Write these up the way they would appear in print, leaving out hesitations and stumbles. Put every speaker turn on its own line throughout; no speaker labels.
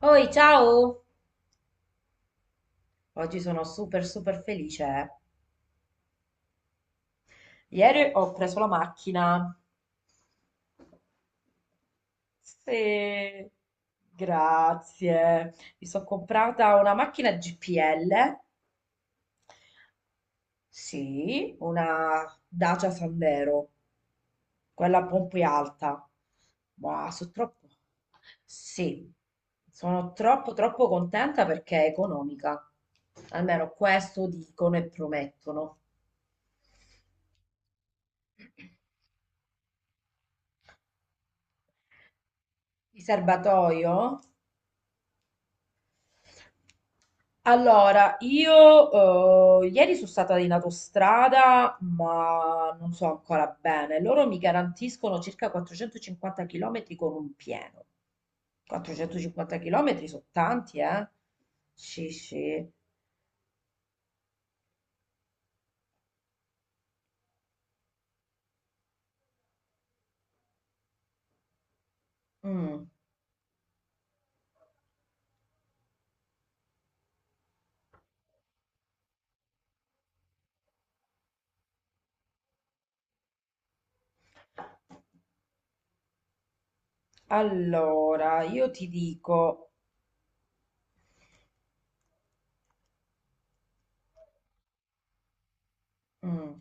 Oi, ciao! Oggi sono super super felice. Ieri ho preso la macchina. Sì, grazie. Mi sono comprata una macchina GPL. Sì, una Dacia Sandero, quella un po' più alta. Ma sono troppo. Sì, sono troppo troppo contenta perché è economica. Almeno questo dicono e promettono. Il serbatoio? Allora, io ieri sono stata in autostrada, ma non so ancora bene. Loro mi garantiscono circa 450 km con un pieno. 450 km sono tanti, eh? Sì, sì. Mm. Allora, io ti dico, mm,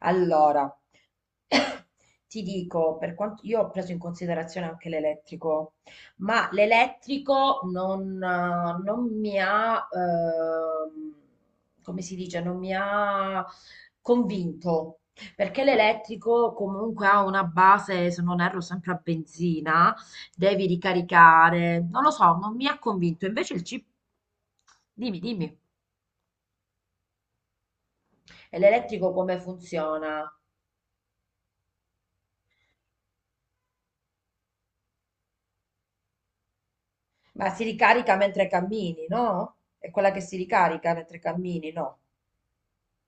Allora, ti dico, per quanto io ho preso in considerazione anche l'elettrico, ma l'elettrico non mi ha, come si dice, non mi ha convinto, perché l'elettrico comunque ha una base, se non erro, sempre a benzina, devi ricaricare, non lo so, non mi ha convinto, invece il chip, dimmi, dimmi, e l'elettrico come funziona? Ma si ricarica mentre cammini, no? È quella che si ricarica mentre cammini, no?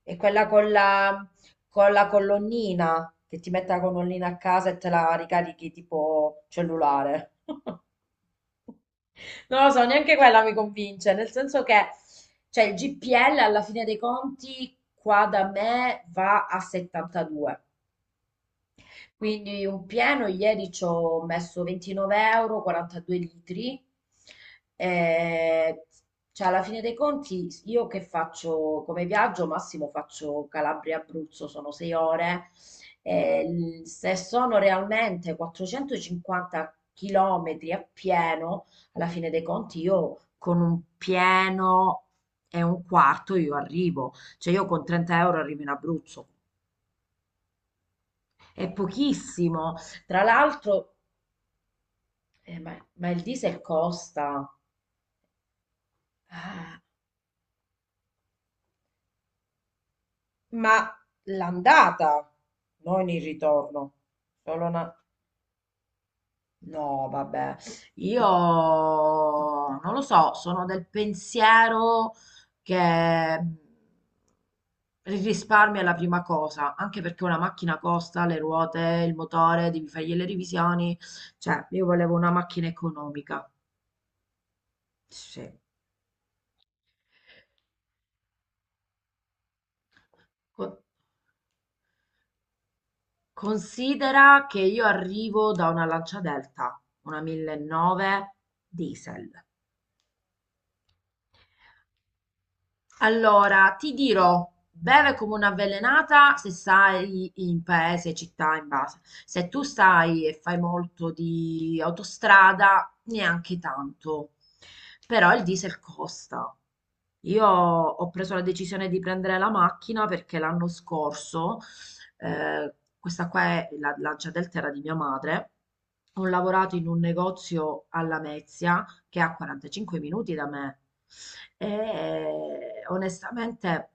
È quella con la colonnina, che ti mette la colonnina a casa e te la ricarichi tipo cellulare. Non lo so, neanche quella mi convince, nel senso che, cioè, il GPL alla fine dei conti qua da me va a 72. Quindi un pieno, ieri ci ho messo 29 euro, 42 litri. Eh, cioè, alla fine dei conti, io che faccio come viaggio, massimo faccio Calabria-Abruzzo, sono 6 ore. Se sono realmente 450 chilometri a pieno, alla fine dei conti io con un pieno e un quarto io arrivo. Cioè io con 30 euro arrivo in Abruzzo. È pochissimo. Tra l'altro, ma il diesel costa. Ah, ma l'andata, non il ritorno. Solo una... no, vabbè. Io non lo so, sono del pensiero che mm, il risparmio è la prima cosa, anche perché una macchina costa, le ruote, il motore, devi fargli le revisioni. Cioè, io volevo una macchina economica. Sì. Co- Considera che io arrivo da una Lancia Delta, una mille e nove diesel. Allora, ti dirò, beve come un'avvelenata se stai in paese, città, in base. Se tu stai e fai molto di autostrada, neanche tanto. Però il diesel costa. Io ho preso la decisione di prendere la macchina perché l'anno scorso, questa qua è la Gia Delta era di mia madre, ho lavorato in un negozio alla Lamezia che è a 45 minuti da me. E onestamente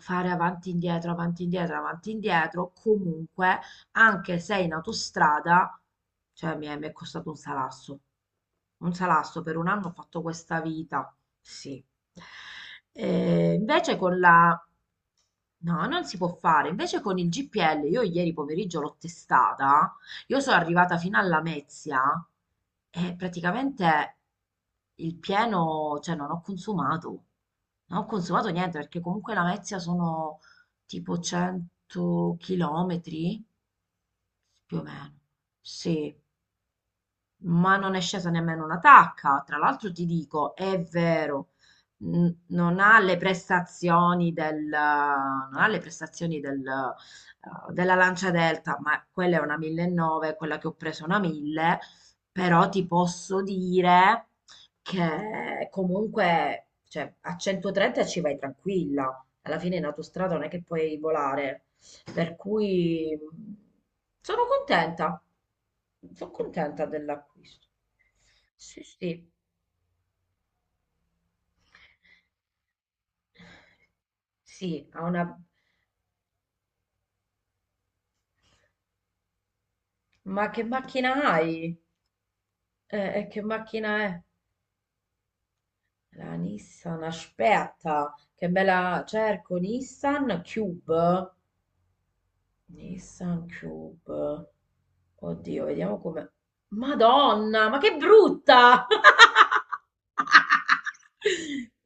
fare avanti e indietro, avanti e indietro, avanti e indietro, comunque, anche se in autostrada, cioè mi è costato un salasso. Un salasso per un anno ho fatto questa vita, sì. E invece con la no, non si può fare. Invece con il GPL, io ieri pomeriggio l'ho testata, io sono arrivata fino alla Lamezia e praticamente il pieno, cioè non ho consumato, non ho consumato niente perché comunque la Lamezia sono tipo 100 chilometri, più o meno, sì, ma non è scesa nemmeno una tacca. Tra l'altro ti dico, è vero, non ha le prestazioni del della Lancia Delta, ma quella è una 1900, quella che ho preso è una 1000, però ti posso dire che comunque, cioè, a 130 ci vai tranquilla. Alla fine in autostrada non è che puoi volare, per cui sono contenta, sono contenta dell'acquisto. Sì, sì, sì, ha una ma che macchina hai? E che macchina è? La Nissan, aspetta, che me la cerco, Nissan Cube. Nissan Cube. Oddio, vediamo come... Madonna, ma che brutta!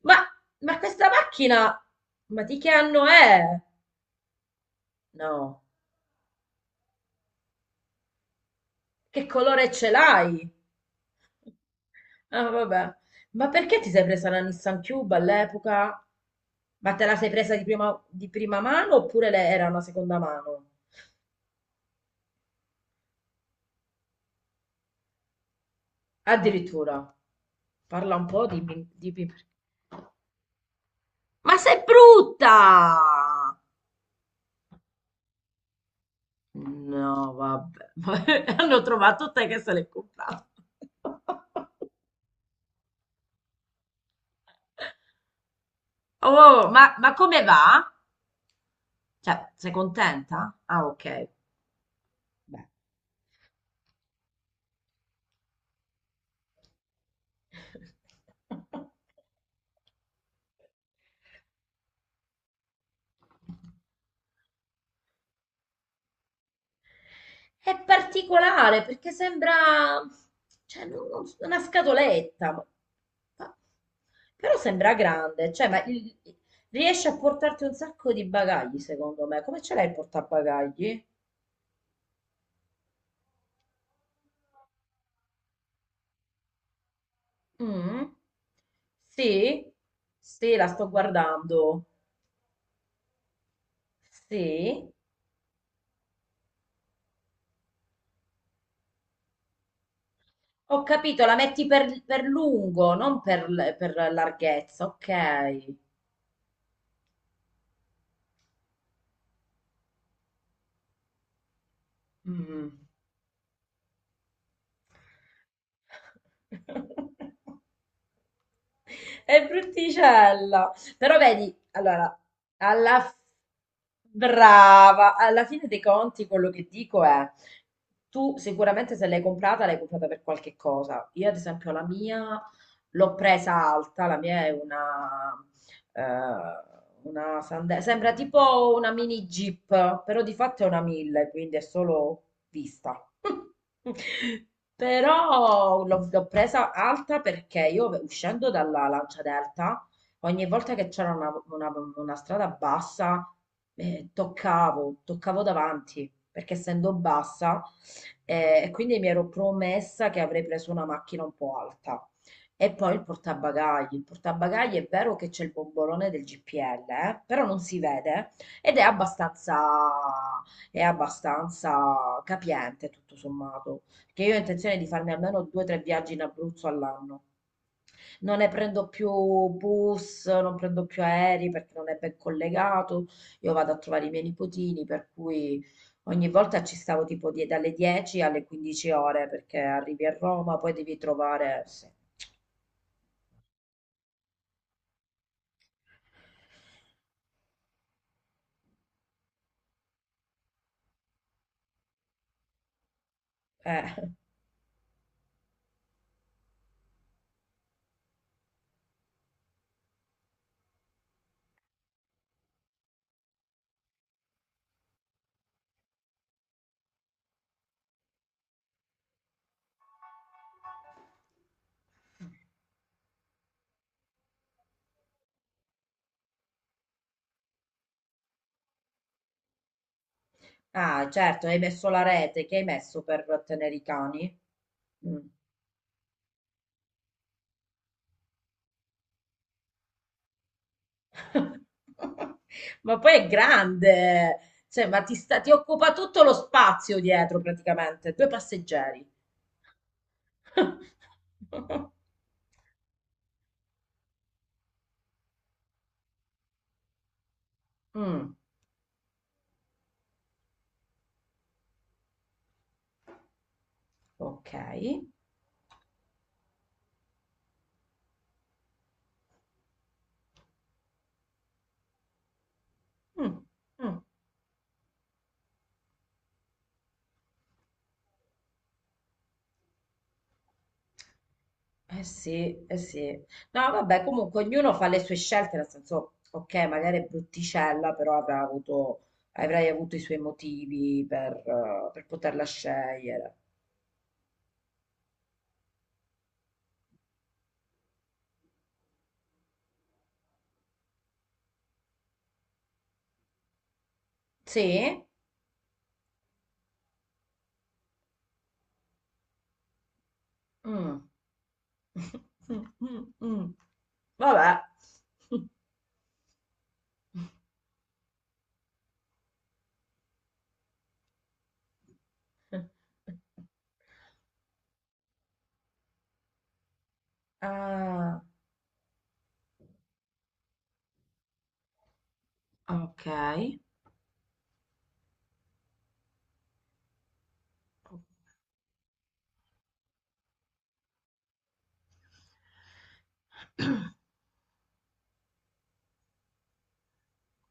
Ma, ma questa macchina, ma di che anno è? No, che colore ce l'hai? Ah, vabbè. Ma perché ti sei presa la Nissan Cube all'epoca? Ma te la sei presa di prima mano oppure era una seconda mano? Addirittura. Parla un po', dimmi, dimmi. Ma sei brutta! No, vabbè. Ma hanno trovato te che se l'hai comprata. Oh, ma come va? Cioè, sei contenta? Ah, ok. Beh. È particolare perché sembra, cioè, non so, una scatoletta, ma- però sembra grande, cioè, riesce a portarti un sacco di bagagli, secondo me. Come ce l'hai il portabagagli? Mm? Sì, sì, la sto guardando. Sì, ho capito, la metti per lungo, non per, l- per larghezza, ok. Mm. È brutticella. Però vedi, allora, alla brava, alla fine dei conti quello che dico è, tu sicuramente se l'hai comprata, l'hai comprata per qualche cosa. Io ad esempio la mia l'ho presa alta, la mia è eh, una sembra tipo una mini Jeep, però di fatto è una 1000, quindi è solo vista. Però l'ho presa alta perché io uscendo dalla Lancia Delta ogni volta che c'era una strada bassa, toccavo, toccavo davanti, perché essendo bassa, e quindi mi ero promessa che avrei preso una macchina un po' alta. E poi il portabagagli. Il portabagagli è vero che c'è il bombolone del GPL, però non si vede ed è abbastanza capiente tutto sommato. Che io ho intenzione di farmi almeno due o tre viaggi in Abruzzo all'anno, non ne prendo più bus, non prendo più aerei perché non è ben collegato, io vado a trovare i miei nipotini, per cui ogni volta ci stavo tipo dalle 10 alle 15 ore perché arrivi a Roma, poi devi trovare... sì. Eh, ah, certo, hai messo la rete che hai messo per tenere i cani? Mm. Ma poi è grande, cioè, ti occupa tutto lo spazio dietro praticamente, due passeggeri. Mh, okay. Mh, mh. Eh sì, eh sì. No, vabbè, comunque ognuno fa le sue scelte, nel senso, ok, magari è brutticella, però avrai avuto i suoi motivi per poterla scegliere. Sì? Mm. Mm, mm, mm. Vabbè. Ah, ok.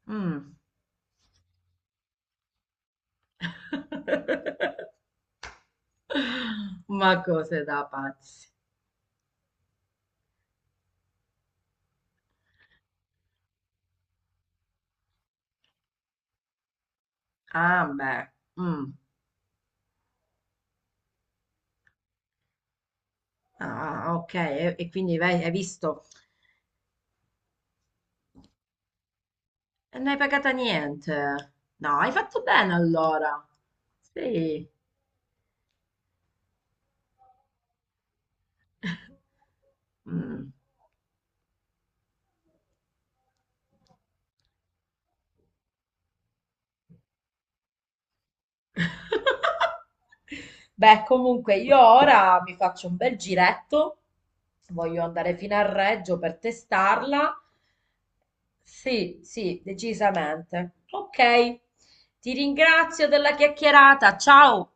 Mm. Ma cose da pazzi. Ah, beh. Mm. Ah, ok. E quindi hai visto? E non hai pagata niente. No, hai fatto bene allora. Sì. Mm. Beh, comunque io ora mi faccio un bel giretto, voglio andare fino a Reggio per testarla. Sì, sì, decisamente. Ok, ti ringrazio della chiacchierata. Ciao!